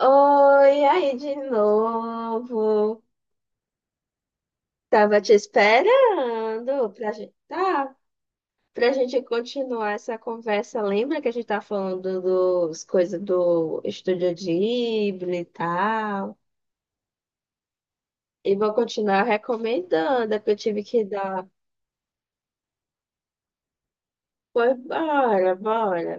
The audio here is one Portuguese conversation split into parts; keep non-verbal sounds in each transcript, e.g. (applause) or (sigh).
Oi, aí de novo. Tava te esperando pra gente, tá? Pra gente continuar essa conversa. Lembra que a gente tá falando dos coisas do Estúdio Ghibli e tal? E vou continuar recomendando, é que eu tive que dar. Pois bora, bora.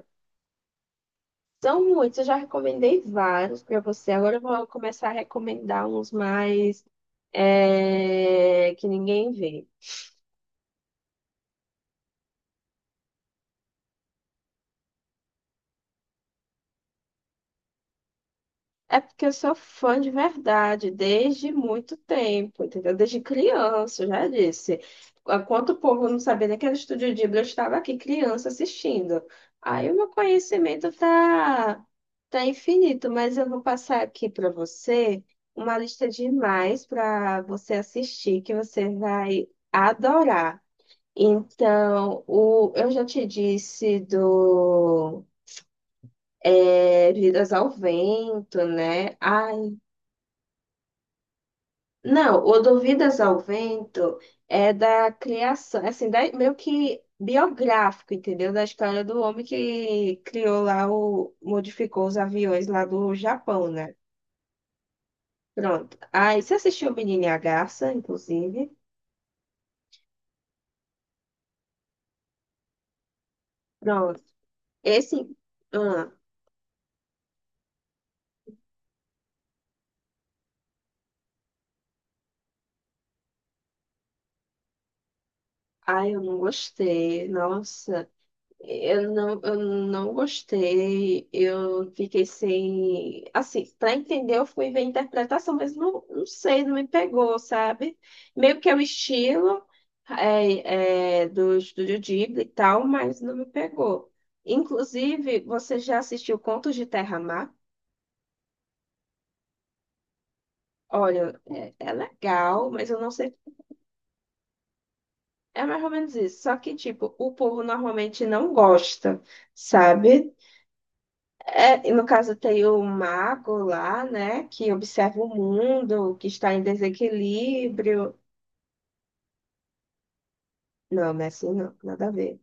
São muitos, eu já recomendei vários pra você. Agora eu vou começar a recomendar uns mais que ninguém vê. É porque eu sou fã de verdade, desde muito tempo, entendeu? Desde criança, eu já disse. Enquanto o povo não sabia nem que era Estúdio Ghibli, eu estava aqui criança assistindo. Aí o meu conhecimento tá infinito, mas eu vou passar aqui para você uma lista de mais para você assistir, que você vai adorar. Então, eu já te disse do Vidas ao Vento, né? Ai, não, o Duvidas ao Vento é da criação, assim, meio que biográfico, entendeu? Da história do homem que criou lá, modificou os aviões lá do Japão, né? Pronto. Aí você assistiu o Menino e a Garça, inclusive? Pronto. Esse. Ah, ai, eu não gostei. Nossa. Eu não gostei, eu fiquei sem. Assim, para entender, eu fui ver a interpretação, mas não, não sei, não me pegou, sabe? Meio que é o estilo do estúdio Ghibli e tal, mas não me pegou. Inclusive, você já assistiu Contos de Terra-Mar? Olha, é legal, mas eu não sei. É mais ou menos isso. Só que, tipo, o povo normalmente não gosta, sabe? É, e no caso tem o mago lá, né, que observa o mundo, que está em desequilíbrio. Não, não é assim, não, nada a ver.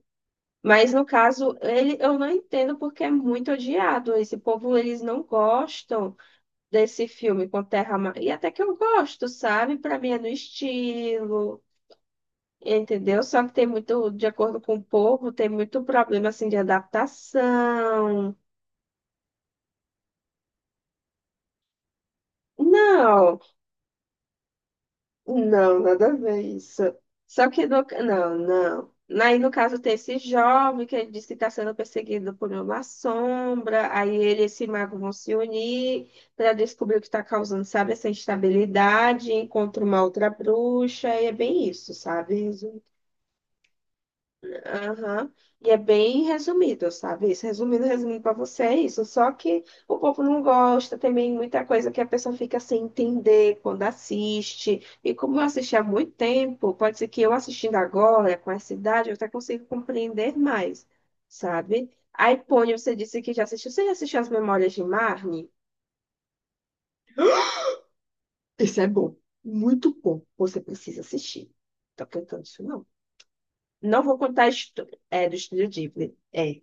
Mas no caso, ele, eu não entendo porque é muito odiado. Esse povo, eles não gostam desse filme com e até que eu gosto, sabe? Para mim é no estilo, entendeu? Só que tem muito, de acordo com o povo, tem muito problema assim de adaptação. Não. Não, nada a ver isso. Só que no... Não, não. Aí, no caso, tem esse jovem que ele diz que está sendo perseguido por uma sombra. Aí ele e esse mago vão se unir para descobrir o que está causando, sabe, essa instabilidade. Encontra uma outra bruxa. E é bem isso, sabe? Aham. E é bem resumido, sabe? Isso, resumindo para você, é isso. Só que o povo não gosta, também muita coisa que a pessoa fica sem entender quando assiste. E como eu assisti há muito tempo, pode ser que eu assistindo agora, com essa idade, eu até consigo compreender mais, sabe? Aí, Pony, você disse que já assistiu. Você já assistiu As Memórias de Marnie? Isso é bom, muito bom. Você precisa assistir. Tô cantando isso, não. Não vou contar a do Estúdio Ghibli. É.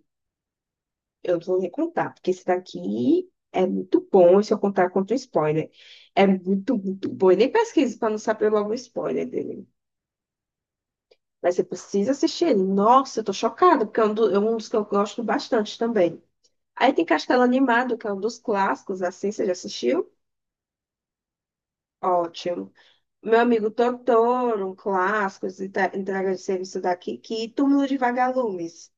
Eu vou recrutar, porque esse daqui é muito bom, se eu contar contra o spoiler. É muito, muito bom. E nem pesquise para não saber logo o spoiler dele. Mas você precisa assistir ele. Nossa, eu tô chocada, porque é um, é um dos que eu gosto bastante também. Aí tem Castelo Animado, que é um dos clássicos, assim, você já assistiu? Ótimo. Meu amigo Totoro, um clássico, esse entrega de serviço daqui, que Túmulo de Vagalumes.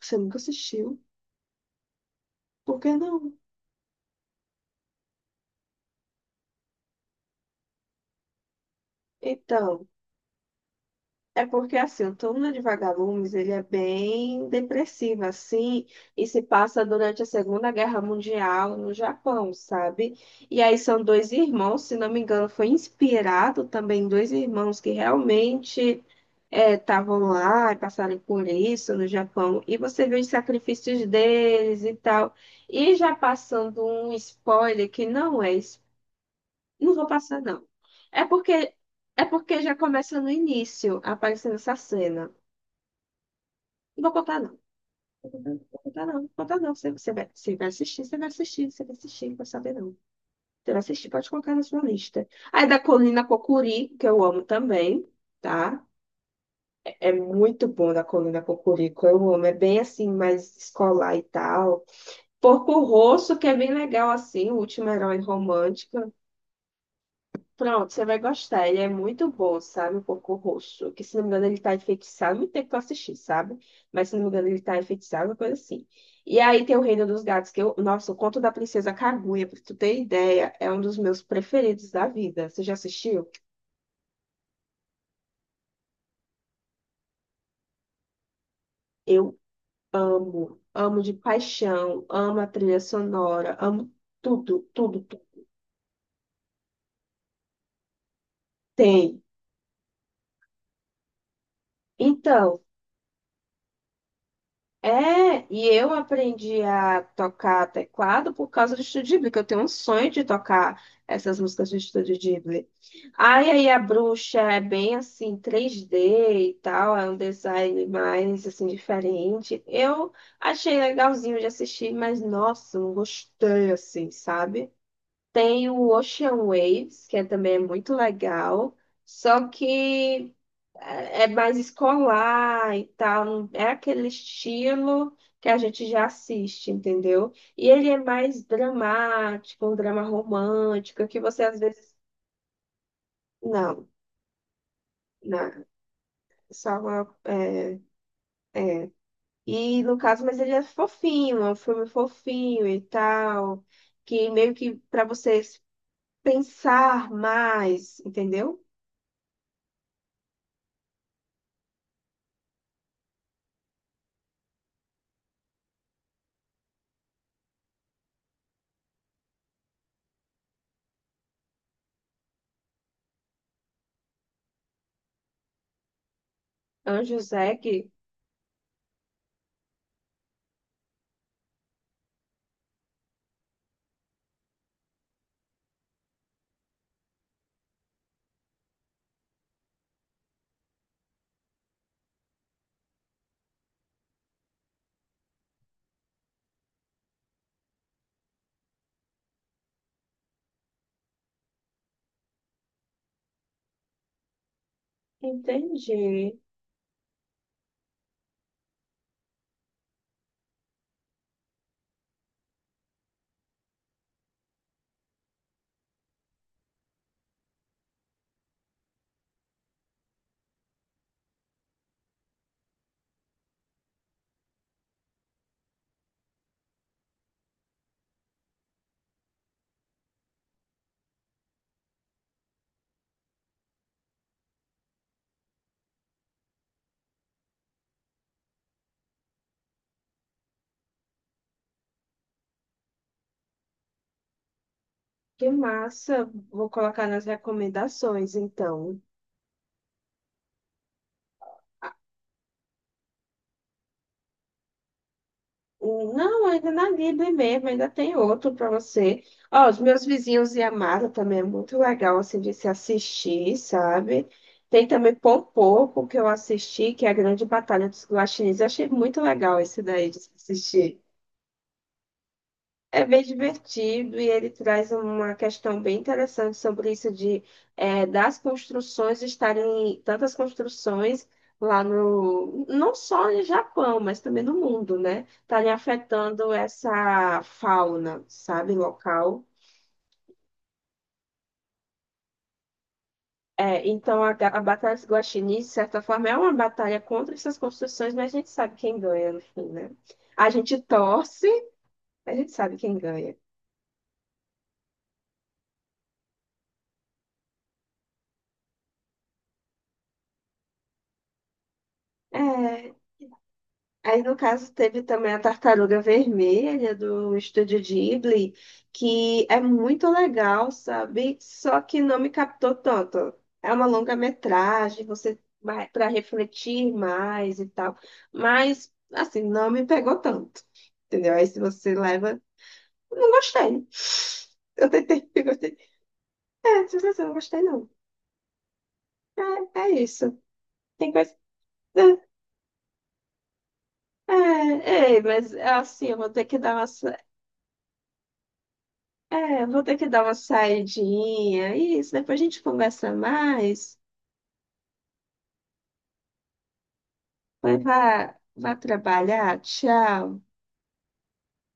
Você nunca assistiu? Por que não? Então. É porque, assim, o turno de vagalumes, ele é bem depressivo, assim, e se passa durante a Segunda Guerra Mundial no Japão, sabe? E aí são dois irmãos, se não me engano, foi inspirado também em dois irmãos que realmente estavam lá e passaram por isso no Japão. E você vê os sacrifícios deles e tal. E já passando um spoiler que não é não vou passar, não. É porque, é porque já começa no início aparecendo essa cena. Não vou contar, não. Não vou contar, não. Não vou contar, não. Você vai, você vai assistir, você vai assistir, você vai assistir, não vou saber, não. Você vai assistir, pode colocar na sua lista. Aí da Colina Cocuri, que eu amo também, tá? É muito bom da Colina Cocorico, eu amo. É bem assim, mais escolar e tal. Porco Rosso, que é bem legal, assim, o último herói romântico. Pronto, você vai gostar. Ele é muito bom, sabe? O Porco Rosso. Que se não me engano, ele tá enfeitiçado. Muito tempo que eu assisti, sabe? Mas se não me engano, ele tá enfeitiçado, uma coisa assim. E aí tem o Reino dos Gatos, que eu. Nossa, o Conto da Princesa Kaguya, pra tu ter ideia, é um dos meus preferidos da vida. Você já assistiu? Eu amo, amo de paixão, amo a trilha sonora, amo tudo, tudo, tudo. Tem. Então. É, e eu aprendi a tocar teclado por causa do Estúdio Ghibli, que eu tenho um sonho de tocar essas músicas do Estúdio Ghibli. Ai, aí a bruxa é bem assim, 3D e tal, é um design mais assim diferente. Eu achei legalzinho de assistir, mas nossa, não gostei assim, sabe? Tem o Ocean Waves, também é muito legal, só que é mais escolar e tal, não é aquele estilo que a gente já assiste, entendeu? E ele é mais dramático, um drama romântico, que você às vezes. Não, não, só uma. É, é. E no caso, mas ele é fofinho, é um filme fofinho e tal, que meio que para vocês pensar mais, entendeu? Anjo Zack, entendi. Que massa. Vou colocar nas recomendações, então. Não, ainda na Libre mesmo, ainda tem outro para você. Ó, Os Meus Vizinhos e Amada também é muito legal, assim, de se assistir, sabe? Tem também Pompoco, que eu assisti, que é a Grande Batalha dos Guaxinins. Eu achei muito legal esse daí de se assistir. É bem divertido e ele traz uma questão bem interessante sobre isso de das construções estarem tantas construções lá no não só no Japão, mas também no mundo, né? Estarem afetando essa fauna, sabe, local. É, então a batalha dos guaxinins, de certa forma, é uma batalha contra essas construções, mas a gente sabe quem ganha no fim, né? A gente torce, a gente sabe quem ganha. É. Aí, no caso, teve também a Tartaruga Vermelha do Estúdio Ghibli, que é muito legal, sabe? Só que não me captou tanto. É uma longa-metragem, você vai para refletir mais e tal. Mas, assim, não me pegou tanto. Entendeu? Aí, se você leva. Eu não gostei. Eu tentei, (laughs) eu gostei. É, se você não gostei, não. É, é isso. Tem coisa. É, é, é, mas assim, eu vou ter que dar uma. É, eu vou ter que dar uma saidinha. Isso, depois a gente conversa mais. Vai, vá trabalhar. Tchau.